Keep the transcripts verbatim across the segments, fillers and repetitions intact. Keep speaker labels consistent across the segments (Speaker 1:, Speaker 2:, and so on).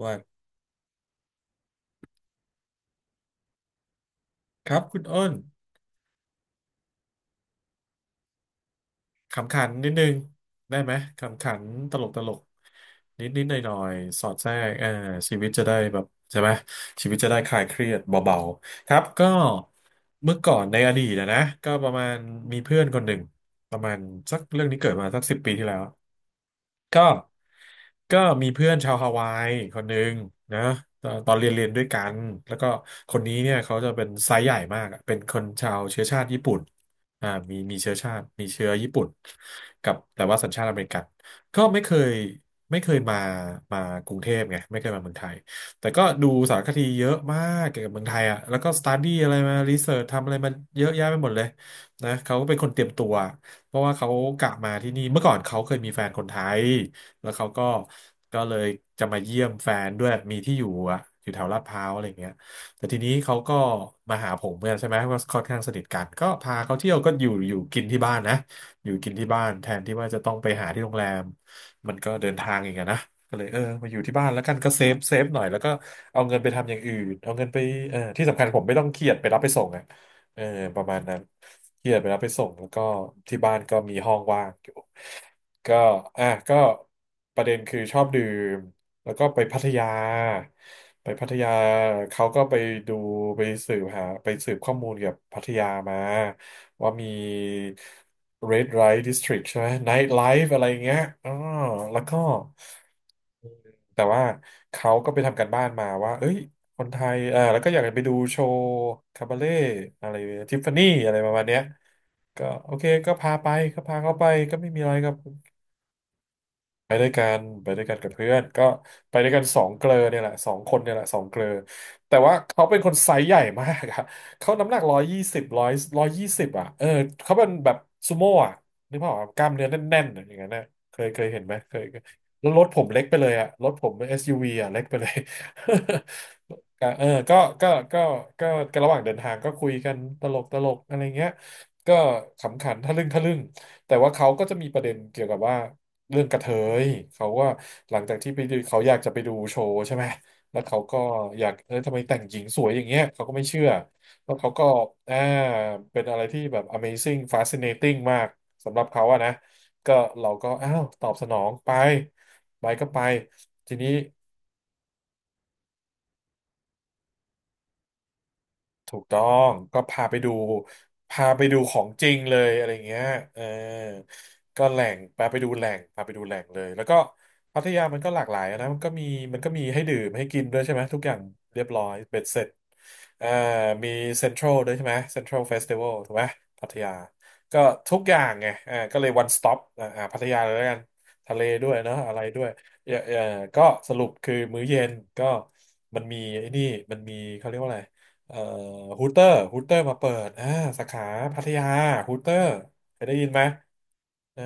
Speaker 1: ว่าครับคุณอ้นขำขันนิดนึงได้ไหมขำขันตลกตลกนิดนิดหน่อยหน่อยๆสอดแทรกเออชีวิตจะได้แบบใช่ไหมชีวิตจะได้คลายเครียดเบาๆครับก็เมื่อก่อนในอดีตนะนะก็ประมาณมีเพื่อนคนหนึ่งประมาณสักเรื่องนี้เกิดมาสักสิบปีที่แล้วก็ก็มีเพื่อนชาวฮาวายคนหนึ่งนะตอนตอนเรียนเรียนด้วยกันแล้วก็คนนี้เนี่ยเขาจะเป็นไซส์ใหญ่มากอะเป็นคนชาวเชื้อชาติญี่ปุ่น อ่ามีมีเชื้อชาติมีเชื้อญี่ปุ่นกับแต่ว่าสัญชาติอเมริกันก็ไม่เคยไม่เคยมามากรุงเทพไงไม่เคยมาเมืองไทยแต่ก็ดูสารคดีเยอะมากเกี่ยวกับเมืองไทยอ่ะแล้วก็สต u ดี้อะไรมารีเสิร์ชทำอะไรมาเยอะแยะไปหมดเลยนะเขาเป็นคนเตรียมตัวเพราะว่าเขากะมาที่นี่เมื่อก่อนเขาเคยมีแฟนคนไทยแล้วเขาก็ก็เลยจะมาเยี่ยมแฟนด้วยมีที่อยู่อ่ะอยู่แถวลาดพร้าวอะไรอย่างเงี้ย แต่ทีนี้เขาก็มาหาผมกันใช่ไหมก็ค่อนข้างสนิทกันก็พาเขาเที่ยวก็อยู่อยู่กินที่บ้านนะอยู่กินที่บ้านแทนที่ว่าจะต้องไปหาที่โรงแรมมันก็เดินทางอีกอะนะก็เลยเออมาอยู่ที่บ้านแล้วกันก็เซฟเซฟหน่อยแล้วก็เอาเงินไปทำอย่างอื่นเอาเงินไปเออที่สำคัญผมไม่ต้องเครียดไปรับไปส่งอ่ะเออประมาณนั้นเครียดไปรับไปส่งแล้วก็ที่บ้านก็มีห้องว่างอยู่ก็อ่ะก็ประเด็นคือชอบดื่ม แล้วก็ไปพัทยา ไปพัทยาเขาก็ไปดูไปสืบหาไปสืบข้อมูลเกี่ยวกับพัทยามาว่ามี Red Light District ใช่ไหม Night Life อะไรอย่างเงี้ยอ๋อแล้วก็แต่ว่าเขาก็ไปทำการบ้านมาว่าเอ้ยคนไทยเออแล้วก็อยากจะไปดูโชว์คาบาเล่อะไรทิฟฟานี่อะไรประมาณเนี้ยก็โอเคก็พาไปก็พาเขาไปก็ไม่มีอะไรครับ ไปด้วยกันไปด้วยกันกับเพื่อนก็ไปด้วยกันสองเกลอเนี่ยแหละสองคนเนี่ยแหละสองเกลอแต่ว่าเขาเป็นคนไซส์ใหญ่มากอะ เขาน้ำหนักร้อยยี่สิบร้อยร้อยยี่สิบอะเออเขาเป็นแบบซูโม่อะนึกภาพออกปะกล้ามเนื้อแน่นๆอะอย่างนั้นนะเคยเคยเห็นไหมเคยเคยแล้วรถผมเล็กไปเลยอะรถผม เอส ยู วี อสยูวีอะเล็กไปเลย ก็เออก็ก็ก็ก็ก็ระหว่างเดินทางก็คุยกันตลกตลกอะไรเงี้ยก็ขำขันทะลึ่งทะลึ่งแต่ว่าเขาก็จะมีประเด็นเกี่ยวกับว่า เรื่องกระเทยเขาว่าหลังจากที่ไปดูเขาอยากจะไปดูโชว์ใช่ไหมแล้วเขาก็อยากเออทำไมแต่งหญิงสวยอย่างเงี้ยเขาก็ไม่เชื่อแล้วเขาก็อ่าเป็นอะไรที่แบบ Amazing Fascinating มากสำหรับเขาอะนะก็เราก็อ้าวตอบสนองไปไปก็ไปทีนี้ ถูกต้องก็พาไปดูพาไปดูของจริงเลยอะไรเงี้ยเออก็แหล่งพาไปดูแหล่งพาไปดูแหล่งเลยแล้วก็พัทยามันก็หลากหลายนะมันก็มีมันก็มีให้ดื่มให้กินด้วยใช่ไหมทุกอย่างเรียบร้อยเบ็ดเสร็จเอ่อมีเซ็นทรัลด้วยใช่ไหมเซ็นทรัลเฟสติวัลถูกไหมพัทยาก็ทุกอย่างไงเอ่าก็เลยวันสต็อปอ่าพัทยาเลยแล้วกันทะเลด้วยเนาะอะไรด้วยเออเออก็สรุปคือมื้อเย็นก็มันมีไอ้นี่มันมีเขาเรียกว่าอะไร เอ่อฮูเตอร์ฮูเตอร์มาเปิดอ่าสาขาพัทยาฮูเตอร์เคยได้ยินไหมอ่า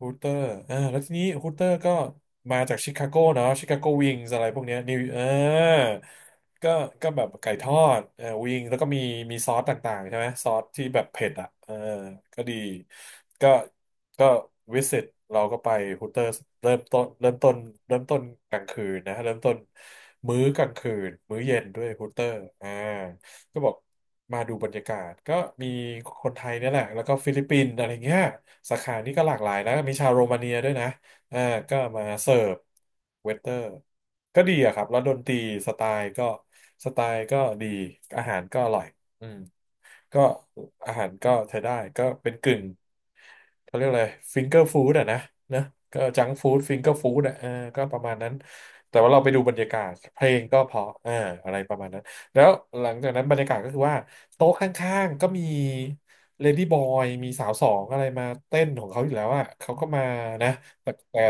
Speaker 1: ฮูเตอร์อ่าแล้วทีนี้ฮูเตอร์ก็มาจากชิคาโกเนาะชิคาโกวิงส์อะไรพวกเนี้ยนิวเออ ก็ก็แบบไก่ทอดเออวิงแล้วก็มีมีซอสต่างๆใช่ไหมซอสที่แบบเผ็ดอ่ะเออก็ดีก็ก็วิสิตเราก็ไปฮูเตอร์เริ่มต้นเริ่มต้นเริ่มต้นกลางคืนนะเริ่มต้นมื้อกลางคืนมื้อเย็นด้วยฮูเตอร์อ่าก็บอกมาดูบรรยากาศก็มีคนไทยเนี่ยแหละแล้วก็ฟิลิปปินส์อะไรเงี้ยสาขานี้ก็หลากหลายนะมีชาวโรมาเนียด้วยนะ อ่าก็มาเสิร์ฟเวเตอร์ก็ดีอะครับแล้วดนตรีสไตล์ก็สไตล์ก็ดีอาหารก็อร่อยอืมก็อาหารก็ใช้ได้ก็เป็นกึ่งเขาเรียกอะไรฟิงเกอร์ฟู้ดอะนะเนอะก็จังฟู้ดฟิงเกอร์ฟู้ดอะเออก็ประมาณนั้นแต่ว่าเราไปดูบรรยากาศเพลงก็เพราะอ่าอะไรประมาณนั้นแล้วหลังจากนั้นบรรยากาศก็คือว่าโต๊ะข้างๆก็มีเลดี้บอยมีสาวสองอะไรมาเต้นของเขาอยู่แล้วอะเขาก็มานะ แต่แต่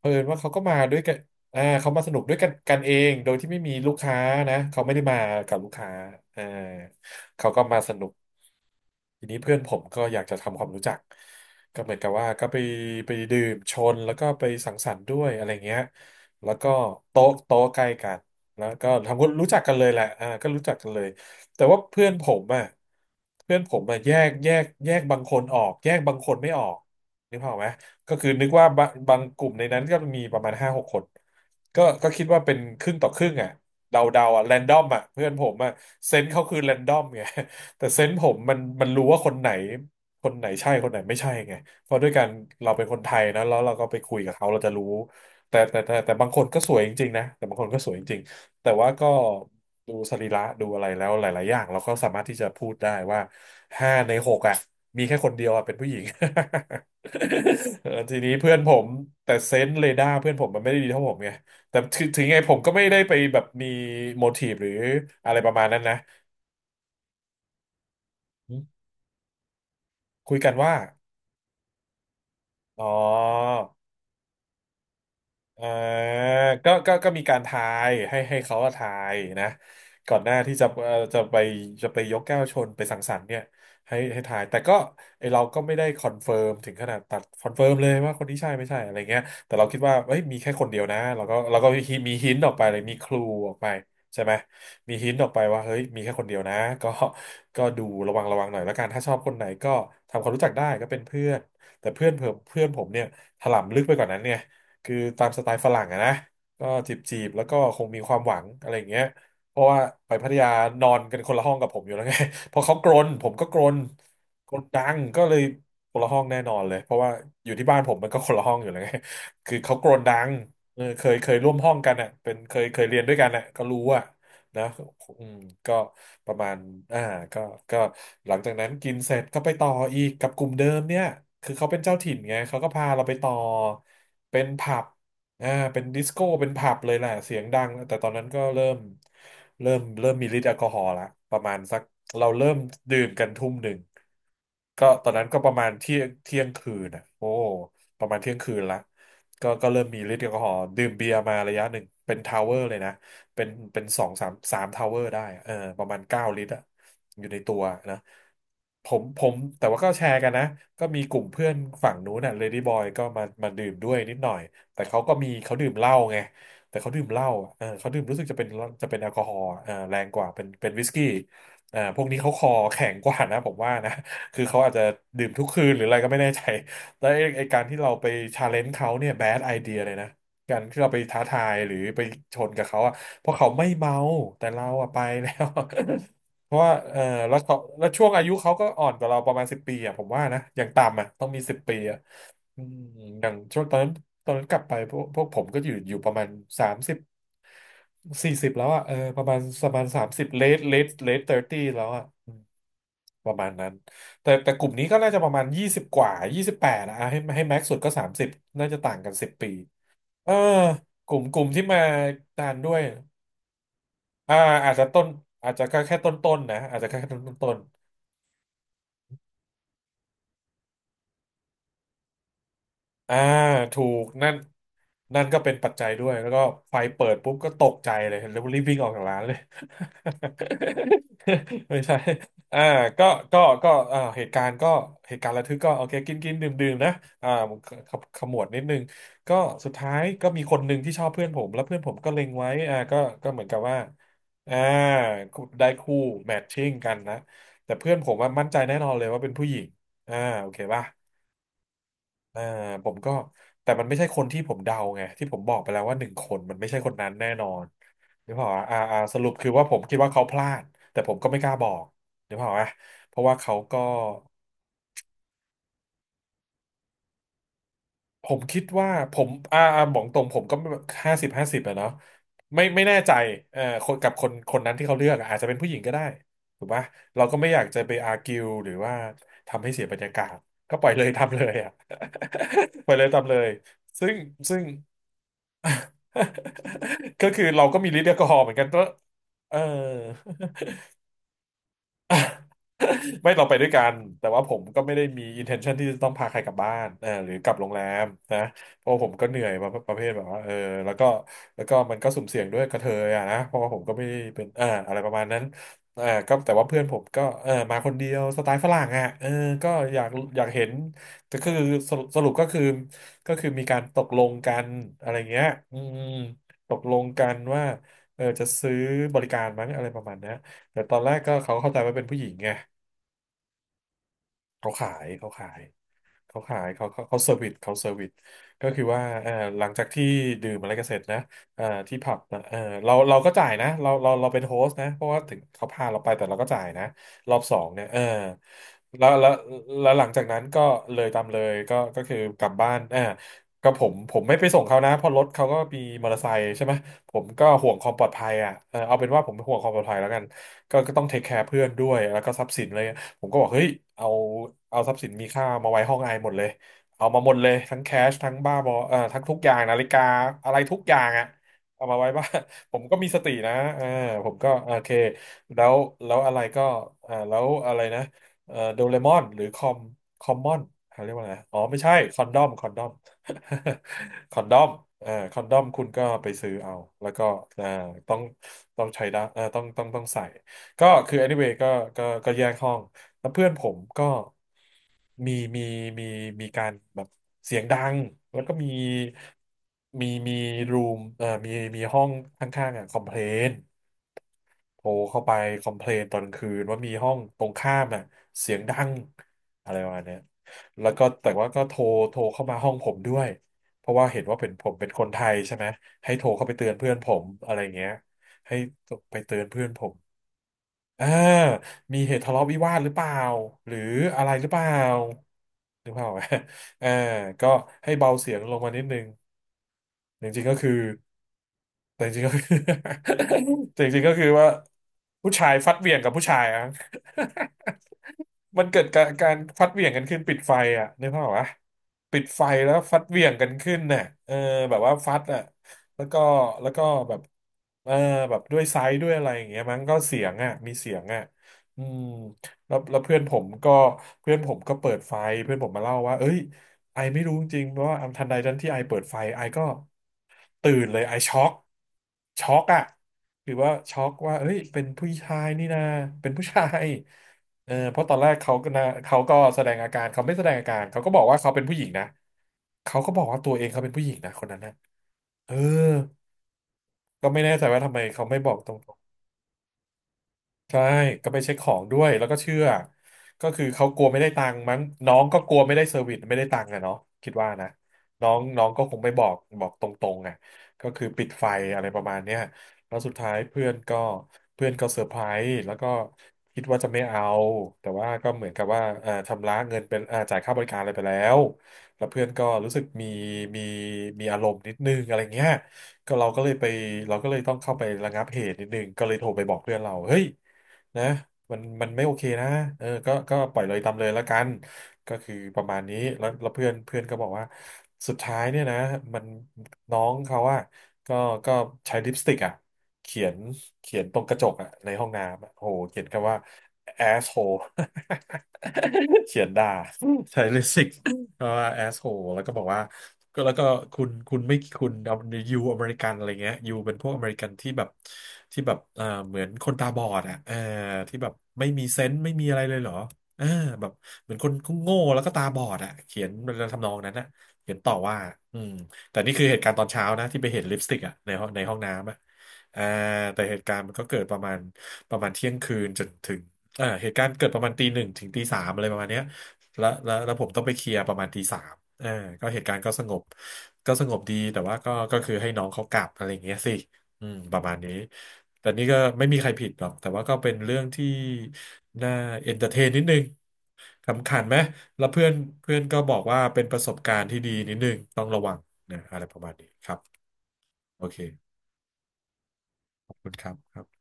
Speaker 1: เอนว่าเขาก็มาด้วยกันอ่าเขามาสนุกด้วยกันกันเองโดยที่ไม่มีลูกค้านะเขาไม่ได้มากับลูกค้าอ่าเขาก็มาสนุกทีนี้เพื่อนผมก็อยากจะทำความรู้จักก็เหมือนกับว่าก็ไปไปดื่มชนแล้วก็ไปสังสรรค์ด้วยอะไรเงี้ยแล้วก็โต๊ะโต๊ะใกล้กันแล้วก็ทำความรู้จักกันเลยแหละอ่าก็รู้จักกันเลยแต่ว่าเพื่อนผมอ่ะเพื่อนผมอ่ะแยกแยกแยกบางคนออกแยกบางคนไม่ออกนึกภาพออกไหม ก็คือนึกว่าบะบางกลุ่มในนั้นก็มีประมาณห้าหกคนก็ก็คิดว่าเป็นครึ่งต่อครึ่งอ่ะเดาเดาอ่ะแรนดอมอ่ะเพื่อนผมอ่ะเซนส์เขาคือแรนดอมไง แต่เซนส์ผมมันมันรู้ว่าคนไหนคนไหนใช่คนไหนไม่ใช่ไงเพราะด้วยการเราเป็นคนไทยนะแล้วเราก็ไปคุยกับเขาเราจะรู้แต่แต่แต่แต่บางคนก็สวยจริงๆนะแต่บางคนก็สวยจริงๆแต่ว่าก็ดูสรีระดูอะไรแล้วหลายๆอย่างเราก็สามารถที่จะพูดได้ว่าห้าในหกอ่ะมีแค่คนเดียวอ่ะเป็นผู้หญิง เออทีนี้เพื่อนผมแต่เซนส์เรดาร์เพื่อนผมมันไม่ได้ดีเท่าผมไงแต่ถึงถึงไงผมก็ไม่ได้ไปแบบมีโมทีฟหรืออะไรประมาณนั้นนะคุยกันว่าอ๋อ อ่าก็ก็ก็มีการทายให้ให้เขาอะทายนะก่อนหน้าที่จะเอ่อจะไปจะไปยกแก้วชนไปสังสรรค์เนี่ยให้ให้ทายแต่ก็ไอเราก็ไม่ได้คอนเฟิร์มถึงขนาดตัดคอนเฟิร์มเลยว่าคนนี้ใช่ไม่ใช่อะไรเงี้ยแต่เราคิดว่าเอ้ยมีแค่คนเดียวนะเราก็เราก็มีมีหินออกไปเลยมีคลูออกไปใช่ไหมมีหินออกไปว่าเฮ้ยมีแค่คนเดียวนะก็ก็ดูระวังระวังหน่อยแล้วกันถ้าชอบคนไหนก็ทำความรู้จักได้ก็เป็นเพื่อนแต่เพื่อนเพื่อนเพื่อนผมเนี่ยถลำลึกไปกว่านั้นไง คือตามสไตล์ฝรั่งอะนะก็จีบจีบแล้วก็คงมีความหวังอะไรอย่างเงี้ยเพราะว่าไปพัทยานอนกันคนละห้องกับผมอยู่แล้วไง พอเขากรนผมก็กรนกรนดังก็เลยคนละห้องแน่นอนเลยเพราะว่าอยู่ที่บ้านผมมันก็คนละห้องอยู่แล้วไง คือเขากรนดังเออเคยเคยร่วมห้องกันอ่ะเป็นเคยเคยเรียนด้วยกันอ่ะก็รู้อ่ะ นะอืมก็ประมาณอ่าก็ก็หลังจากนั้นกินเสร็จก็ไปต่ออีกกับกลุ่มเดิมเนี่ยคือเขาเป็นเจ้าถิ่นไงเขาก็พาเราไปต่อเป็นผับอ่าเป็นดิสโก้เป็นผับเลยแหละเสียงดังแต่ตอนนั้นก็เริ่มเริ่มเริ่มมีฤทธิ์แอลกอฮอล์ละประมาณสักเราเริ่มดื่มกันทุ่มหนึ่งก็ตอนนั้นก็ประมาณเที่ยงเที่ยงคืนอ่ะโอ้ประมาณเที่ยงคืนละก็ก็เริ่มมีฤทธิ์แอลกอฮอล์ดื่มเบียร์มาระยะหนึ่งเป็นทาวเวอร์เลยนะ เป็นเป็นสองสามสามทาวเวอร์ได้อะเออประมาณเก้าลิตรอะอยู่ในตัวนะผมผมแต่ว่าก็แชร์กันนะก็มีกลุ่มเพื่อนฝั่งนู้นน่ะเลดี้บอยก็มามาดื่มด้วยนิดหน่อยแต่เขาก็มีเขาดื่มเหล้าไงแต่เขาดื่มเหล้าอะเออเขาดื่มรู้สึกจะเป็นจะเป็นแอลกอฮอล์อะเออแรงกว่าเป็นเป็นวิสกี้เออพวกนี้เขาคอแข็งกว่านะผมว่านะ คือเขาอาจจะดื่มทุกคืนหรืออะไรก็ไม่แน่ใจแล้วไอ้ไอ้การที่เราไปชาเลนจ์เขาเนี่ยแบดไอเดียเลยนะการที่เราไปท้าทายหรือไปชนกับเขาอะ เพราะเขาไม่เมาแต่เราอะไปแล้ว เพราะว่าเออแล้วเขาแล้วช่วงอายุเขาก็อ่อนกว่าเราประมาณสิบปีอะผมว่านะอย่างต่ำอะต้องมีสิบปีอะอืมอย่างช่วงตอนนั้นตอนนั้นกลับไปพวกพวกผมก็อยู่อยู่ประมาณสามสิบสี่สิบแล้วอะเออประมาณประมาณสามสิบเลทเลทเลทเทอร์ตี้แล้วอะอืมประมาณนั้นแต่แต่กลุ่มนี้ก็น่าจะประมาณยี่สิบกว่ายี่สิบแปดนะอ่ะให้ให้แม็กซ์สุดก็สามสิบน่าจะต่างกันสิบปีเออกลุ่มกลุ่มที่มาทานด้วย อ่าอาจจะต้นอาจจะแค่ต้นต้นนะอาจจะแค่ต้นต้นต้น อ่าถูกนั่นนั่นก็เป็นปัจจัยด้วยแล้วก็ไฟเปิดปุ๊บก็ตกใจเลยแล้วรีบวิ่งออกจากร้านเลย ไม่ใช่อ่าก็ก็ก็อ่าเหตุการณ์ก็เหตุการณ์ระทึกก็โอเคกินกินดื่มดื่มนะอ่าขขขมวดนิดนึงก็สุดท้ายก็มีคนหนึ่งที่ชอบเพื่อนผมแล้วเพื่อนผมก็เล็งไว้อ่าก็ก็เหมือนกับว่าอ่าได้คู่แมทชิ่งกันนะแต่เพื่อนผมว่ามั่นใจแน่นอนเลยว่าเป็นผู้หญิงอ่าโอเคป่ะ อ่าผมก็แต่มันไม่ใช่คนที่ผมเดาไงที่ผมบอกไปแล้วว่าหนึ่งคนมันไม่ใช่คนนั้นแน่นอนนึกภาพออกปะอ่าอ่าสรุปคือว่าผมคิดว่าเขาพลาดแต่ผมก็ไม่กล้าบอกนึกภาพออกปะเพราะว่าเขาก็ผมคิดว่าผมอ่าอ่าบอกตรงผมก็ห้าสิบห้าสิบอะเนาะไม่ไม่แน่ใจเอ่อคนกับคนคนนั้นที่เขาเลือกอะอาจจะเป็นผู้หญิงก็ได้ถูกปะเราก็ไม่อยากจะไปอาร์กิวหรือว่าทำให้เสียบรรยากาศก็ปล่อยเลย ทำเลยอ่ะ ปล่อยเลยทำเลยซึ่งซึ่ง ก็คือเราก็มีฤทธิ์แอลกอฮอล์เหมือนกันก็เออ ไม่เราไปด้วยกัน แต่ว่าผมก็ไม่ได้มี intention ที่จะต้องพาใครกลับบ้านเออหรือกลับโรงแรมนะเพราะผมก็เหนื่อยมาประเภทแบบว่าเออแล้วก็แล้วก็มันก็สุ่มเสี่ยงด้วยกระเทยอ่ะนะเพราะว่าผมก็ไม่ได้เป็นเอ่าออะไรประมาณนั้นเอ่าก็แต่ว่าเพื่อนผมก็เออมาคนเดียวสไตล์ฝรั่งอ่ะเออก็อยากอยากเห็นแต่คือสรุปสรุปก็คือก็คือมีการตกลงกันอะไรเงี้ยอืมตกลงกันว่าเออจะซื้อบริการมั้งอะไรประมาณเนี้ยแต่ตอนแรกก็เขาเข้าใจว่าเป็นผู้หญิงไง เขาขายเขาขายเขาขายเขาเขาเขาเซอร์วิสเขาเซอร์วิสก็คือว่าเออหลังจากที่ดื่มอะไรกันเสร็จนะเออที่ผับนะเออเราเราก็จ่ายนะเราเราเราเป็นโฮสต์นะเพราะว่าถึงเขาพาเราไปแต่เราก็จ่ายนะรอบสองเนี่ยเออแล้วแล้วแล้วหลังจากนั้นก็เลยตามเลยก็ก็คือกลับบ้านเออก็ผมผมไม่ไปส่งเขานะเพราะรถเขาก็มีมอเตอร์ไซค์ใช่ไหมผมก็ห่วงความปลอดภัยอ่ะเออเอาเป็นว่าผมห่วงความปลอดภัยแล้วกันก็ก็ต้องเทคแคร์เพื่อนด้วยแล้วก็ทรัพย์สินเลย ผมก็บอกเฮ้ยเอาเอาทรัพย์สินมีค่ามาไว้ห้องไอหมดเลย เอามาหมดเลยทั้งแคชทั้งบ้าบอเอ่อทั้งทุกอย่างนาฬิกาอะไรทุกอย่างอะเอามาไว้บ้าน ผมก็มีสตินะเออผมก็โอเคแล้วแล้วอะไรก็อ่าแล้วอะไรนะเอ่อโดเรมอนหรือคอมคอมมอนเขาเรียกว่าอะไรอ๋อไม่ใช่คอนดอมคอนดอม คอนดอมเอ่อคอนดอมคุณก็ไปซื้อเอาแล้วก็อ่าต้องต้องใช้ได้เอ่อต้องต้องต้องใส่ ก็คือ anyway ก็ก็ก็แยกห้อง แล้วเพื่อนผมก็มีมีมีมีการแบบเสียงดังแล้วก็มีมีมีรูมเอ่อมีมีห้องข้างๆอ่ะคอมเพลนโทรเข้าไปคอมเพลนตอนกลางคืนว่ามีห้องตรงข้ามอ่ะเสียงดังอะไรประมาณเนี้ยแล้วก็แต่ว่าก็โทรโทรเข้ามาห้องผมด้วยเพราะว่าเห็นว่าเป็นผมเป็นคนไทยใช่ไหมให้โทรเข้าไปเตือนเพื่อนผมอะไรเงี้ยให้ไปเตือนเพื่อนผม อ่ามีเหตุทะเลาะวิวาทหรือเปล่า หรืออะไรหรือเปล่าหรือ เปล่าอ่ะอ่าก็ให้เบาเสียงลงมานิดนึงจริงๆก็คือ แต่จริงๆก็คือ แต่จริงๆก็คือว่าผู้ชายฟัดเหวี่ยงกับผู้ชายอะ มันเกิดการการฟัดเหวี่ยงกันขึ้นปิดไฟอ่ะนึกภาพออกปะปิดไฟแล้วฟัดเหวี่ยงกันขึ้นน่ะเออแบบว่าฟัดอ่ะแล้วก็แล้วก็แบบเออแบบด้วยไซส์ด้วยอะไรอย่างเงี้ยมั้งก็เสียงอ่ะมีเสียงอ่ะอืมแล้วแล้วเพื่อนผมก็เพื่อนผมก็เปิดไฟเพื่อนผมมาเล่าว่าเอ้ยไอไม่รู้จริงๆเพราะว่าทันใดทันที่ไอเปิดไฟไอก็ตื่นเลยไอช็อกช็อกอะหรือว่าช็อกว่าเอ้ยเป็นผู้ชายนี่นะเป็นผู้ชาย เออเพราะตอนแรกเขาก็นะเขาก็แสดงอาการเขาไม่แสดงอาการเขาก็บอกว่าเขาเป็นผู้หญิงนะเขาก็บอกว่าตัวเองเขาเป็นผู้หญิงนะคนนั้นนะเออก็ไม่แน่ใจว่าทำไมเขาไม่บอกต ใช่ก็ไปเช็คของด้วยแล้วก็เชื่อก็คือเขากลัวไม่ได้ตังค์มั้งน้องก็กลัวไม่ได้เซอร์วิสไม่ได้ตังค์อะเนาะคิดว่านะน้องน้องก็คงไม่บอกบอกตรงๆอะก็คือปิดไฟอะไรประมาณเนี้ยแล้วสุดท้ายเพื่อนก็เพื่อนก็เซอร์ไพรส์แล้วก็คิดว่าจะไม่เอาแต่ว่าก็เหมือนกับว่าเอ่อชำระเงินเป็นเอ่อจ่ายค่าบริการอะไรไปแล้วแล้วเพื่อนก็รู้สึกมีมีมีอารมณ์นิดนึงอะไรเงี้ยก็เราก็เลยไปเราก็เลยต้องเข้าไประงับเหตุนิดนึงก็เลยโทรไปบอกเพื่อนเราเฮ้ย นะมันมันไม่โอเคนะเออก็ก็ปล่อยเลยตามเลยละกันก็คือประมาณนี้แล้วแล้วเพื่อนเพื่อนก็บอกว่าสุดท้ายเนี่ยนะมันน้องเขาอะก็ก็ใช้ลิปสติกอะเขียนเขียนตรงกระจกอะในห้องน้ำอะโอหเขียนคำว่า asshole เขียนด่าใช้ลิปสติก ก็แอสโ e แล้วก็บอกว่าก็แล้วก็คุณคุณไม่คุณเอายูอเมริกันอะไรเงี้ยยูเป็นพวกอเมริกันที่แบบที่แบบเอ่อเหมือนคนตาบอดอ่ะเออที่แบบไม่มีเซนส์ไม่มีอะไรเลยเหรอเออแบบเหมือนคนโง่แล้วก็ตาบอดอ่ะเขียนทำนองนั้นนะเขียนต่อว่าอืมแต่นี่คือเหตุการณ์ตอนเช้านะที่ไปเห็นลิปสติกอ่ะในห้องในห้องน้ำอ่ะอ่าแต่เหตุการณ์มันก็เกิดประมาณประมาณเที่ยงคืนจนถึงอ่าเหตุการณ์เกิดประมาณตีหนึ่งถึงตีสามอะไรประมาณเนี้ย แล้วแล้วแล้วผมต้องไปเคลียร์ประมาณตีสามเออก็เหตุการณ์ก็สงบก็สงบดีแต่ว่าก็ก็คือให้น้องเขากลับอะไรอย่างเงี้ยสิอืมประมาณนี้ แต่นี่ก็ไม่มีใครผิดหรอกแต่ว่าก็เป็นเรื่องที่น่าเอนเตอร์เทนนิดนึงขำขันไหมแล้วเพื่อนเพื่อนก็บอกว่าเป็นประสบการณ์ที่ดีนิดนึงต้องระวังนะอะไรประมาณนี้ครับโอเคขอบคุณครับครับ